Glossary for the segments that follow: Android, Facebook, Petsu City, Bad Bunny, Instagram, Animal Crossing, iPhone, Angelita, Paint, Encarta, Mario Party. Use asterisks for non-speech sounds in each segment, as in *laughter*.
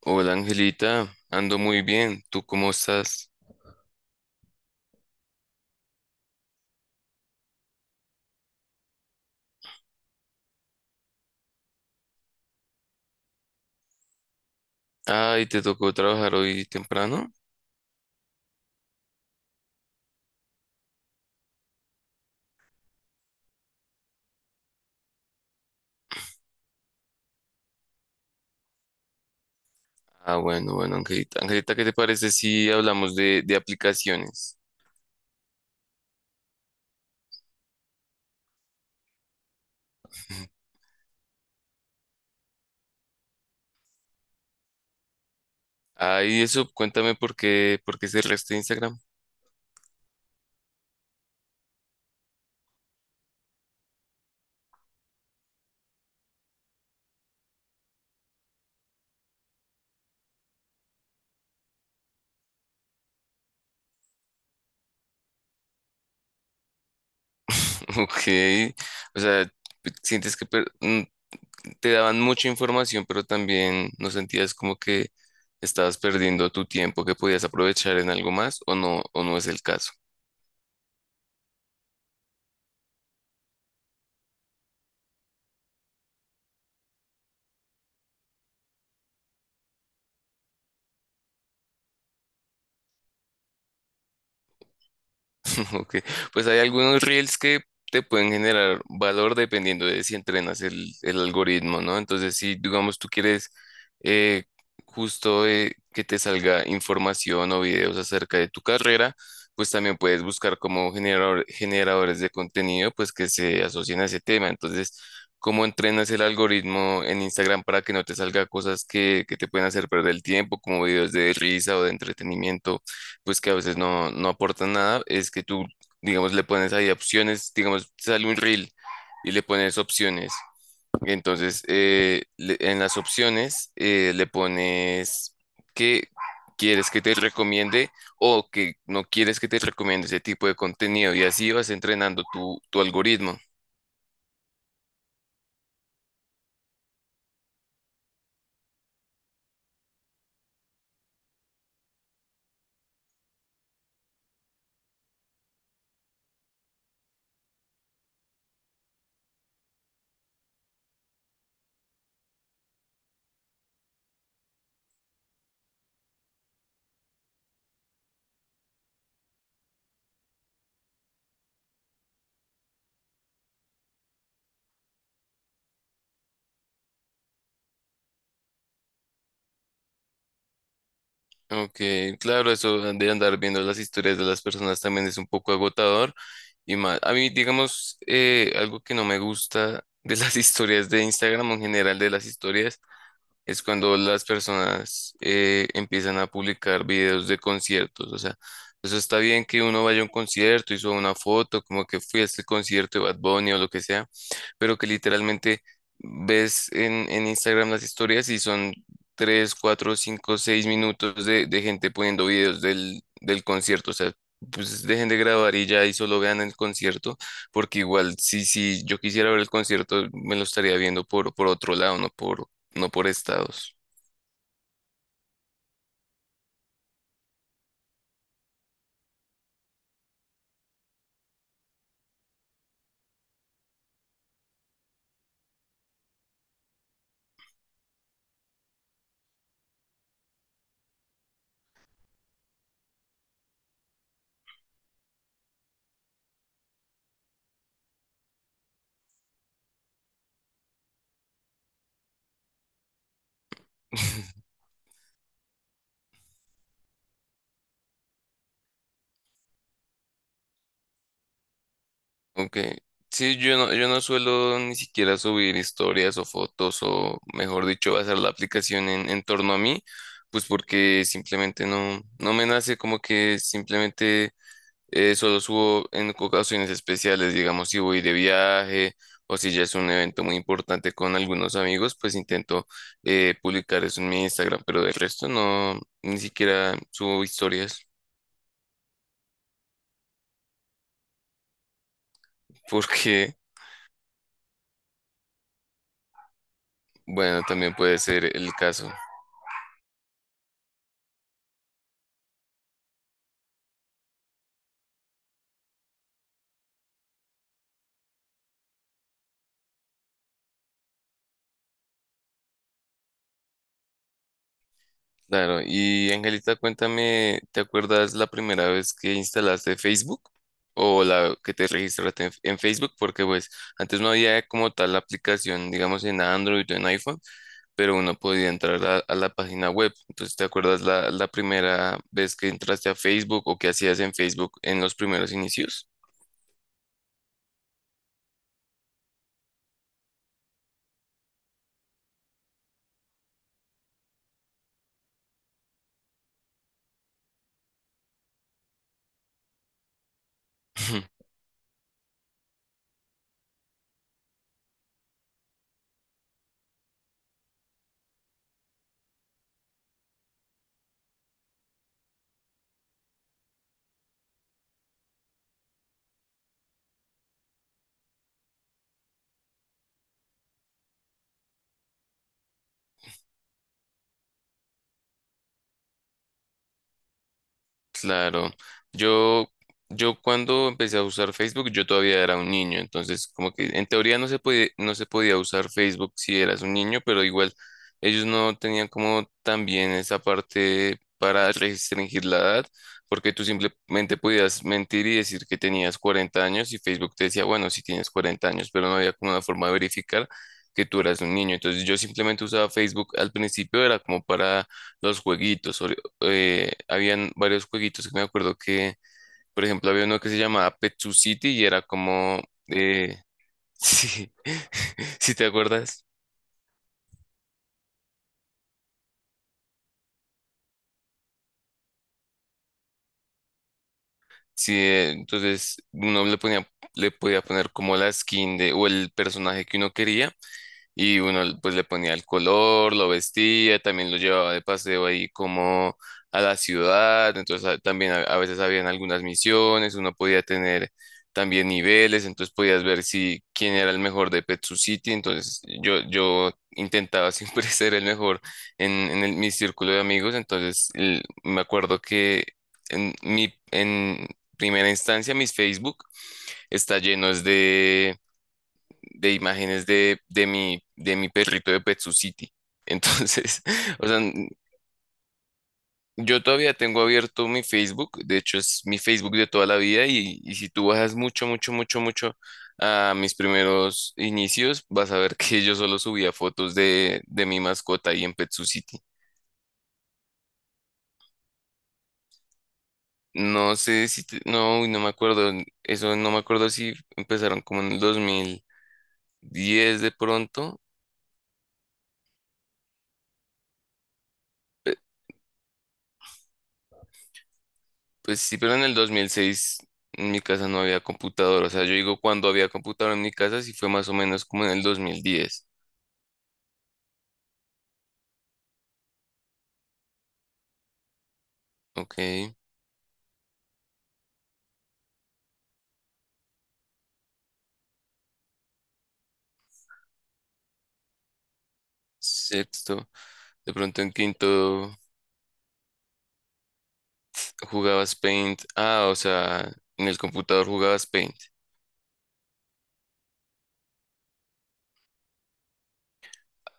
Hola Angelita, ando muy bien. ¿Tú cómo estás? Ay, ¿te tocó trabajar hoy temprano? Ah, bueno, bueno, Angelita. Angelita, ¿qué te parece si hablamos de aplicaciones? Ay, eso, cuéntame por qué cerraste Instagram. *laughs* Ok, o sea, ¿sientes que te daban mucha información, pero también no sentías como que estabas perdiendo tu tiempo que podías aprovechar en algo más o no es el caso. *laughs* Ok, pues hay algunos reels que te pueden generar valor dependiendo de si entrenas el algoritmo, ¿no? Entonces, si digamos tú quieres eh, justo que te salga información o videos acerca de tu carrera, pues también puedes buscar como generadores de contenido, pues que se asocien a ese tema. Entonces, ¿cómo entrenas el algoritmo en Instagram para que no te salga cosas que te pueden hacer perder el tiempo, como videos de risa o de entretenimiento? Pues que a veces no, no aportan nada, es que tú, digamos, le pones ahí opciones, digamos, sale un reel y le pones opciones. Entonces, en las opciones le pones que quieres que te recomiende o que no quieres que te recomiende ese tipo de contenido y así vas entrenando tu algoritmo. Ok, claro, eso de andar viendo las historias de las personas también es un poco agotador y más. A mí, digamos, algo que no me gusta de las *laughs* historias de Instagram o en general de las historias es cuando las personas empiezan a publicar videos de conciertos. O sea, eso está bien que uno vaya a un concierto y suba una foto, como que fui a este concierto de Bad Bunny o lo que sea, pero que literalmente ves en Instagram las historias y son 3, 4, 5, 6 minutos de gente poniendo videos del concierto. O sea, pues dejen de grabar y ya y solo vean el concierto, porque igual si yo quisiera ver el concierto, me lo estaría viendo por otro lado, no por, no por estados. *laughs* Ok. Sí, yo no, yo no suelo ni siquiera subir historias o fotos o, mejor dicho, basar la aplicación en torno a mí, pues porque simplemente no, no me nace como que simplemente solo subo en ocasiones especiales, digamos, si voy de viaje o si ya es un evento muy importante con algunos amigos, pues intento publicar eso en mi Instagram, pero del resto no, ni siquiera subo historias *laughs* porque... Bueno, también puede ser el caso. Claro. Y Angelita, cuéntame, ¿te acuerdas la primera vez que instalaste Facebook o la que te registraste en Facebook? Porque pues antes no había como tal la aplicación, digamos en Android o en iPhone, pero uno podía entrar a la página web. Entonces, ¿te acuerdas la primera vez que entraste a Facebook o qué hacías en Facebook en los primeros inicios? *laughs* Claro, yo, yo cuando empecé a usar Facebook, yo todavía era un niño, entonces como que en teoría no se podía, no se podía usar Facebook si eras un niño, pero igual ellos no tenían como también esa parte para restringir la edad, porque tú simplemente podías mentir y decir que tenías 40 años y Facebook te decía, bueno, si tienes 40 años, pero no había como una forma de verificar que tú eras un niño, entonces yo simplemente usaba Facebook al principio, era como para los jueguitos habían varios jueguitos que me acuerdo que, por ejemplo, había uno que se llamaba Petsu City y era como, eh, *laughs* sí, *laughs* ¿si te acuerdas? Sí, entonces uno le ponía, le podía poner como la skin de, o el personaje que uno quería. Y uno pues le ponía el color, lo vestía, también lo llevaba de paseo ahí como a la ciudad, entonces también a veces habían algunas misiones, uno podía tener también niveles, entonces podías ver si quién era el mejor de Petsu City. Entonces yo intentaba *laughs* siempre ser el mejor en mi círculo de amigos, entonces me acuerdo que en primera instancia mis Facebook está lleno es de imágenes de mi perrito de Pet City. Entonces, *laughs* o sea, n- yo todavía tengo abierto mi Facebook, de hecho es mi Facebook de toda la vida y si tú bajas mucho, mucho, mucho, mucho a mis primeros inicios, vas a ver *laughs* que yo solo subía fotos de mi mascota ahí en Pet City. No sé no, uy, no me acuerdo, eso no me acuerdo si empezaron como en el 2010 de pronto. Pues sí, pero en el 2006 en mi casa no había computador. O sea, yo digo cuando había computador en mi casa, sí fue más o menos como en el 2010. Ok, sexto. De pronto en quinto jugabas Paint. Ah, o sea, en el computador jugabas Paint.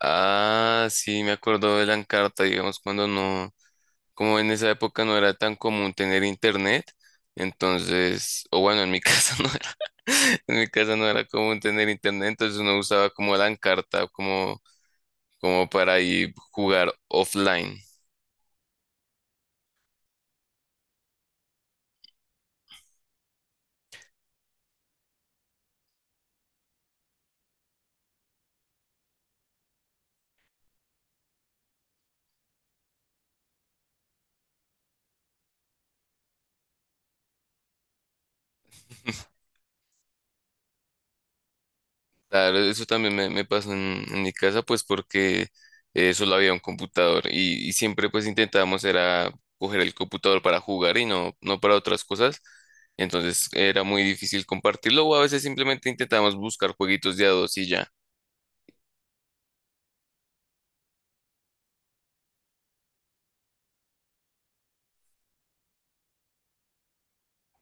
Ah, sí, me acuerdo de la Encarta, digamos, cuando no, como en esa época no era tan común tener internet. Entonces, o bueno, en mi *laughs* casa no era, en mi casa no era común tener internet, entonces uno usaba como la Encarta, como como para ahí jugar offline. *laughs* Claro, eso también me pasó en mi casa, pues porque solo había un computador y siempre pues intentábamos era coger el computador para jugar y no, no para otras cosas. Entonces era muy difícil compartirlo o a veces simplemente intentábamos buscar jueguitos de a dos y ya.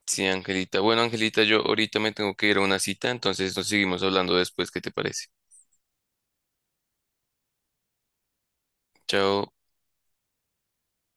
Sí, Angelita. Bueno, Angelita, yo ahorita me tengo que ir a una cita, entonces nos seguimos hablando después. ¿Qué te parece? Chao.